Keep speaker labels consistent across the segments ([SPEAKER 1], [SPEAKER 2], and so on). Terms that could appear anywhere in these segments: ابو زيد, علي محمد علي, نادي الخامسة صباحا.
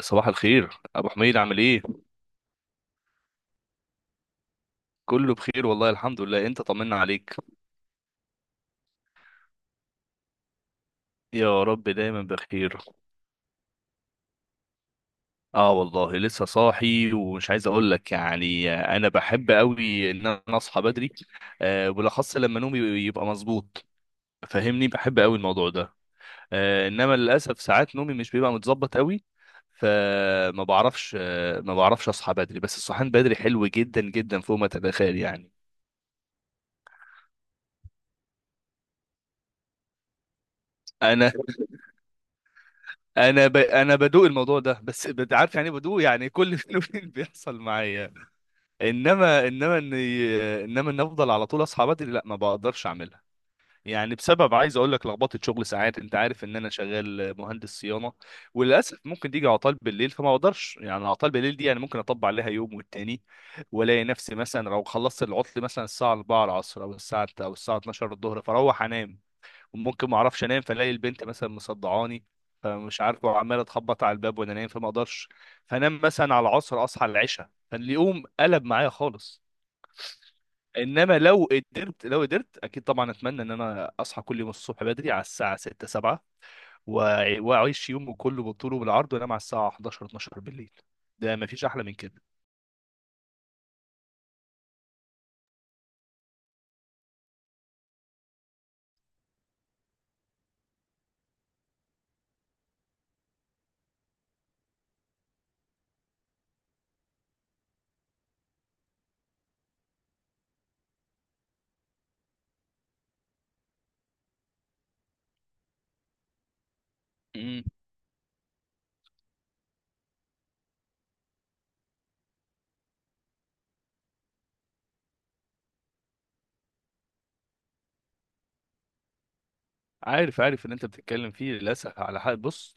[SPEAKER 1] صباح الخير ابو حميد، عامل ايه؟ كله بخير والله، الحمد لله. انت طمنا عليك، يا رب دايما بخير. اه والله لسه صاحي، ومش عايز اقول لك، انا بحب قوي ان اصحى بدري. آه بالاخص لما نومي يبقى مظبوط، فاهمني؟ بحب قوي الموضوع ده. آه انما للاسف ساعات نومي مش بيبقى متظبط قوي، فما بعرفش آه ما بعرفش اصحى بدري. بس الصحيان بدري حلو جدا جدا، فوق ما تتخيل يعني. انا انا ب... انا بدوق الموضوع ده، بس عارف يعني إيه بدوق؟ يعني كل فين وفين بيحصل معايا. انما ان افضل على طول اصحى بدري، لا ما بقدرش اعملها. يعني بسبب، عايز اقول لك، لخبطه شغل ساعات. انت عارف ان انا شغال مهندس صيانه، وللاسف ممكن تيجي عطال بالليل، فما اقدرش. يعني عطال بالليل دي يعني ممكن اطبق عليها يوم والتاني، والاقي نفسي مثلا لو خلصت العطل مثلا الساعه 4 العصر او الساعه 12 الظهر، فاروح انام. ممكن ما اعرفش انام، فالاقي البنت مثلا مصدعاني، فمش عارف، وعماله تخبط على الباب وانا نايم، فما اقدرش. فانام مثلا على العصر، اصحى على العشاء، فاليوم قلب معايا خالص. انما لو قدرت، لو قدرت، اكيد طبعا اتمنى ان انا اصحى كل يوم الصبح بدري على الساعه 6 7، واعيش يومه كله بالطول وبالعرض، وانام على الساعه 11 12 بالليل. ده مفيش احلى من كده. امم. عارف، عارف ان انت بتتكلم فيه، للاسف على حق. بص،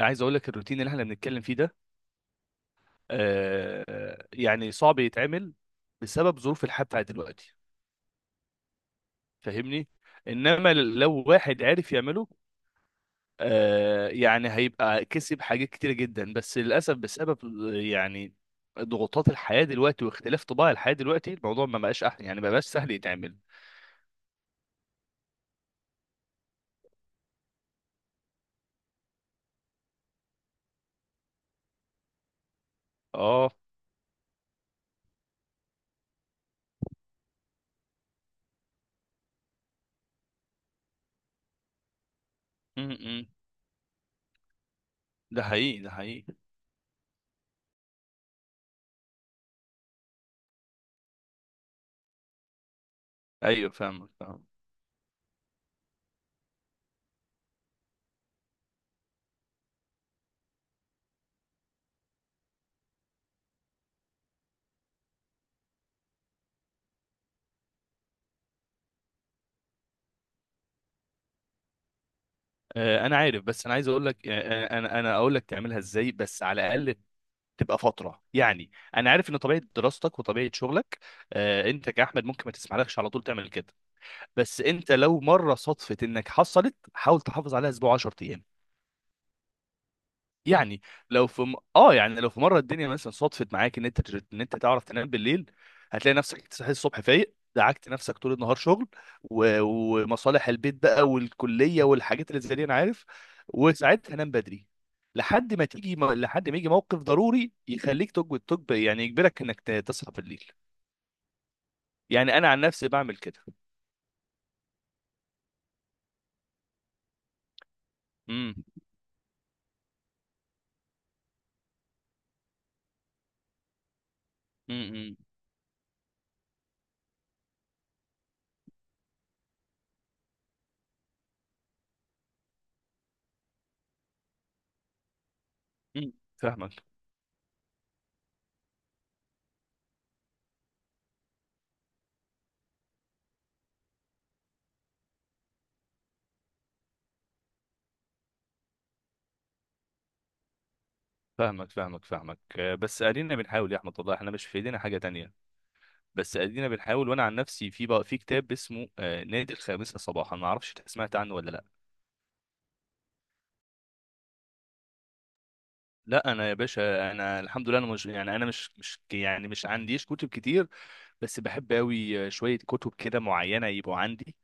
[SPEAKER 1] عايز اقول لك الروتين اللي احنا بنتكلم فيه ده، آه، يعني صعب يتعمل بسبب ظروف الحياة بتاعت دلوقتي، فاهمني؟ انما لو واحد عرف يعمله، آه، يعني هيبقى كسب حاجات كتيرة جدا. بس للأسف بسبب، يعني، ضغوطات الحياة دلوقتي واختلاف طباع الحياة دلوقتي، الموضوع ما بقاش سهل يتعمل. اه. م- م. ده حقيقي، ده حقيقي. ايوه فاهمك، فاهم. آه، انا عارف. بس انا عايز اقول لك، آه، انا اقول لك تعملها ازاي، بس على الاقل تبقى فتره يعني. انا عارف ان طبيعه دراستك وطبيعه شغلك، آه، انت كاحمد ممكن ما تسمحلكش على طول تعمل كده. بس انت لو مره صدفت انك حصلت، حاول تحافظ عليها اسبوع 10 ايام. يعني لو في م... اه يعني لو في مره الدنيا مثلا صدفت معاك ان انت تعرف تنام بالليل، هتلاقي نفسك صحيت الصبح فايق، دعكت نفسك طول النهار شغل ومصالح البيت بقى والكليه والحاجات اللي زي دي انا عارف. وساعتها نام بدري، لحد ما يجي موقف ضروري يخليك تجب تجب يعني يجبرك انك تصحى بالليل. يعني انا عن نفسي بعمل كده. امم امم امم إمم. فاهمك، آه، بس ادينا بنحاول يا احمد، والله احنا مش في ايدينا حاجه تانية. بس ادينا بنحاول. وانا عن نفسي في بقى في كتاب اسمه، آه، نادي الخامسة صباحا. ما اعرفش انت سمعت عنه ولا لا؟ لا انا يا باشا انا الحمد لله، انا مش مش عنديش كتب كتير، بس بحب قوي شوية كتب كده معينة يبقوا عندي،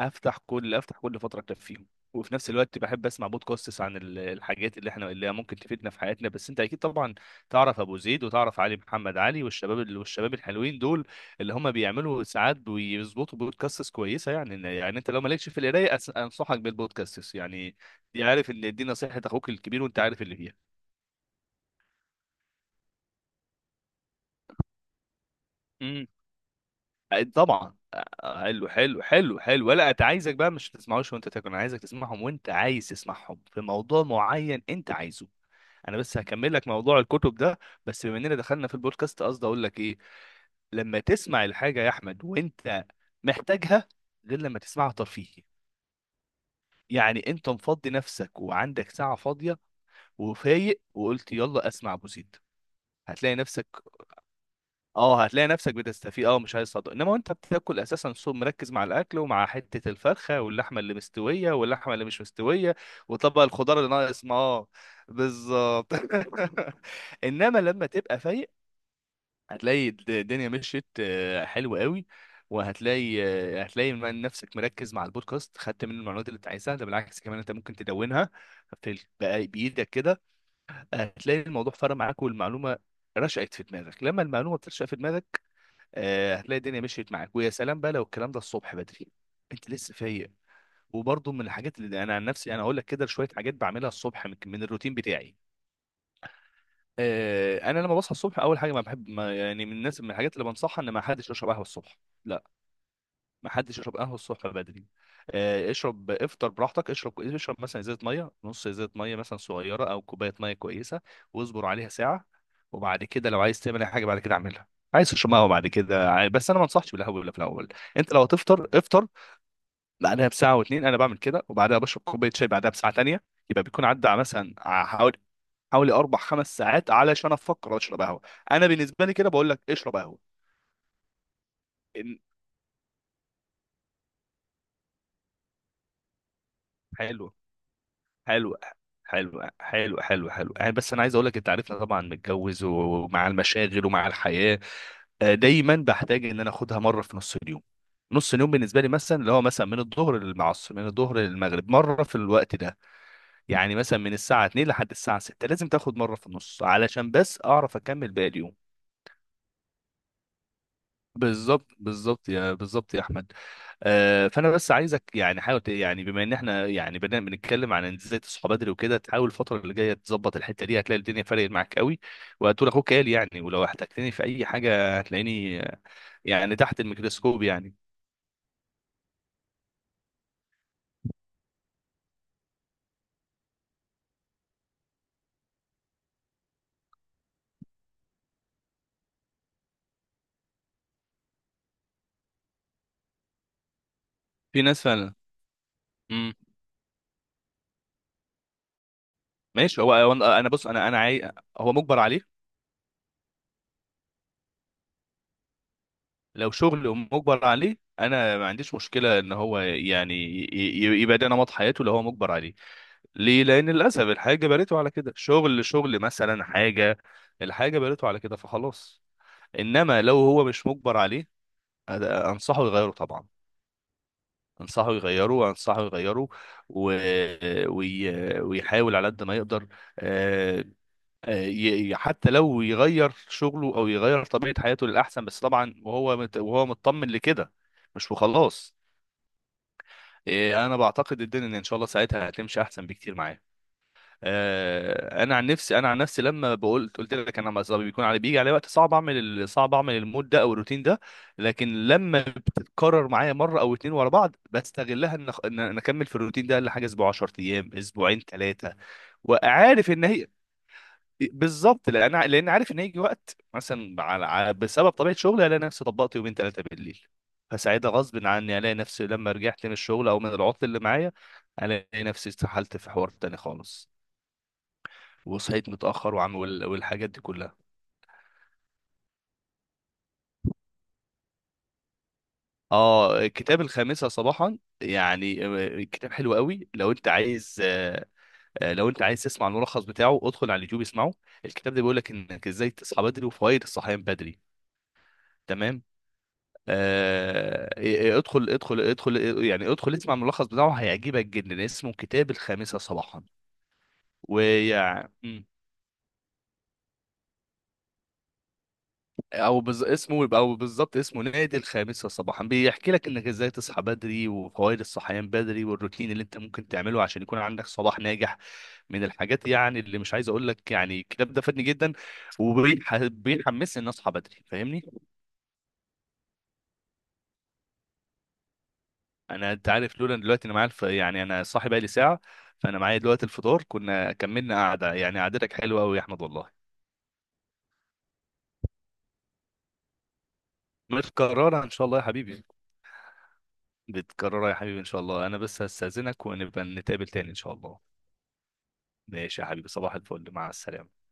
[SPEAKER 1] افتح كل فتره اكفيهم. وفي نفس الوقت بحب اسمع بودكاستس عن الحاجات اللي احنا اللي ممكن تفيدنا في حياتنا. بس انت اكيد طبعا تعرف ابو زيد، وتعرف علي محمد علي، والشباب والشباب الحلوين دول اللي هم بيعملوا ساعات بيظبطوا بودكاستس كويسه. يعني انت لو مالكش في القرايه، انصحك بالبودكاستس يعني. دي عارف ان دي نصيحه اخوك الكبير، وانت عارف اللي فيها طبعا. حلو حلو. ولا انت، عايزك بقى مش تسمعوش وانت تاكل؟ انا عايزك تسمعهم وانت عايز تسمعهم في موضوع معين انت عايزه. انا بس هكمل لك موضوع الكتب ده. بس بما اننا دخلنا في البودكاست، قصدي اقول لك ايه، لما تسمع الحاجه يا احمد وانت محتاجها، غير لما تسمعها ترفيهي. يعني انت مفضي نفسك وعندك ساعه فاضيه وفايق، وقلت يلا اسمع ابو زيد، هتلاقي نفسك، اه، هتلاقي نفسك بتستفيد. اه مش هيصدق. انما وانت بتاكل، اساسا صوم مركز مع الاكل، ومع حته الفرخه واللحمه اللي مستويه واللحمه اللي مش مستويه وطبق الخضار اللي ناقص معاه. بالظبط انما لما تبقى فايق، هتلاقي الدنيا مشيت، آه، حلو قوي. وهتلاقي، آه، هتلاقي من نفسك مركز مع البودكاست، خدت منه المعلومات اللي انت عايزها. ده بالعكس كمان انت ممكن تدونها في بقى بايدك كده. هتلاقي الموضوع فرق معاك، والمعلومه رشقت في دماغك. لما المعلومه بترشق في دماغك، آه، هتلاقي الدنيا مشيت معاك. ويا سلام بقى لو الكلام ده الصبح بدري، انت لسه فايق. وبرضه من الحاجات اللي انا عن نفسي انا اقول لك كده، شويه حاجات بعملها الصبح، من الروتين بتاعي. آه، انا لما بصحى الصبح اول حاجه، ما بحب ما يعني من الناس، من الحاجات اللي بنصحها، ان ما حدش يشرب قهوه الصبح. لا، ما حدش يشرب قهوه الصبح بدري. آه، اشرب، افطر براحتك، اشرب، مثلا ازازه ميه، نص ازازه ميه مثلا صغيره، او كوبايه ميه كويسه، واصبر عليها ساعه. وبعد كده لو عايز تعمل اي حاجه بعد كده اعملها. عايز تشرب قهوه بعد كده، بس انا ما انصحش بالقهوه ولا في الاول. انت لو هتفطر افطر، بعدها بساعه واتنين انا بعمل كده، وبعدها بشرب كوبايه شاي بعدها بساعه تانيه، يبقى بيكون عدى مثلا، حوالي، حوالي اربع خمس ساعات علشان افكر اشرب قهوه. انا بالنسبه لي كده بقول لك اشرب قهوه. إن- حلو حلو حلو حلو. يعني بس انا عايز اقول لك، انت عارفنا طبعا متجوز، ومع المشاغل ومع الحياه، آه، دايما بحتاج ان انا اخدها مره في نص اليوم. نص اليوم بالنسبه لي مثلا اللي هو مثلا من الظهر للعصر، من الظهر للمغرب، مره في الوقت ده. يعني مثلا من الساعه 2 لحد الساعه 6، لازم تاخد مره في النص علشان بس اعرف اكمل باقي اليوم. بالظبط، بالظبط يا احمد. آه، فانا بس عايزك يعني حاول بما ان احنا، يعني، بدنا بنتكلم عن ازاي تصحى بدري وكده، تحاول الفتره اللي جايه تظبط الحته دي، هتلاقي الدنيا فرقت معاك قوي. وهتقول اخوك قال يعني. ولو احتجتني في اي حاجه هتلاقيني، آه، يعني تحت الميكروسكوب يعني. في ناس فعلا. امم. ماشي، هو هو انا أنا بص، انا عاي... هو مجبر عليه. لو شغل مجبر عليه، انا ما عنديش مشكله ان هو يعني يبقى ده نمط حياته لو هو مجبر عليه. ليه؟ لان للاسف الحاجه بنيته على كده، شغل، شغل مثلا حاجه، الحاجه بنيته على كده، فخلاص. انما لو هو مش مجبر عليه، انصحه يغيره طبعا، انصحه يغيره، و... وي... ويحاول على قد ما يقدر، آه، آه، حتى لو يغير شغله او يغير طبيعه حياته للاحسن، بس طبعا وهو وهو مطمن لكده، مش وخلاص. آه، انا بعتقد الدنيا ان إن شاء الله ساعتها هتمشي احسن بكتير معاه. آه، انا عن نفسي لما بقول قلت لك، انا مثلا بيكون علي بيجي علي وقت صعب اعمل صعب اعمل المود ده او الروتين ده، لكن لما بتتكرر معايا مره او اتنين ورا بعض بستغلها ان انا اكمل في الروتين ده لحاجه اسبوع 10 ايام، اسبوعين، ثلاثه. وعارف ان هي بالظبط، لان لان عارف ان هيجي وقت مثلا بسبب طبيعه شغلي الاقي نفسي طبقت يومين ثلاثه بالليل، فساعتها غصب عني الاقي نفسي لما رجعت من الشغل او من العطل اللي معايا، الاقي نفسي استحلت في حوار تاني خالص، وصحيت متأخر، والحاجات دي كلها. اه الكتاب الخامسة صباحا، يعني آه، الكتاب حلو قوي. لو انت عايز، آه، آه، لو انت عايز تسمع الملخص بتاعه، ادخل على اليوتيوب اسمعه. الكتاب ده بيقول لك انك ازاي تصحى بدري، وفوائد الصحيان بدري. تمام. آه إيه- إيه، ادخل، إيه، يعني ادخل اسمع الملخص بتاعه، هيعجبك جدا. اسمه كتاب الخامسة صباحا، ويعني اسمه، او بالظبط اسمه، نادي الخامسة صباحا. بيحكي لك انك ازاي تصحى بدري، وفوائد الصحيان بدري، والروتين اللي انت ممكن تعمله عشان يكون عندك صباح ناجح. من الحاجات يعني اللي مش عايز اقول لك، يعني الكتاب ده فادني جدا وبيحمسني ان اصحى بدري، فاهمني؟ انا، انت عارف، لولا إن دلوقتي انا معايا الف... يعني انا صاحي بقالي ساعة، فانا معايا دلوقتي الفطار، كنا كملنا قعدة. يعني قعدتك حلوة قوي يا احمد والله. متكررة ان شاء الله يا حبيبي، متكررة يا حبيبي ان شاء الله. انا بس هستأذنك ونبقى نتقابل تاني ان شاء الله. ماشي يا حبيبي، صباح الفل، مع السلامة.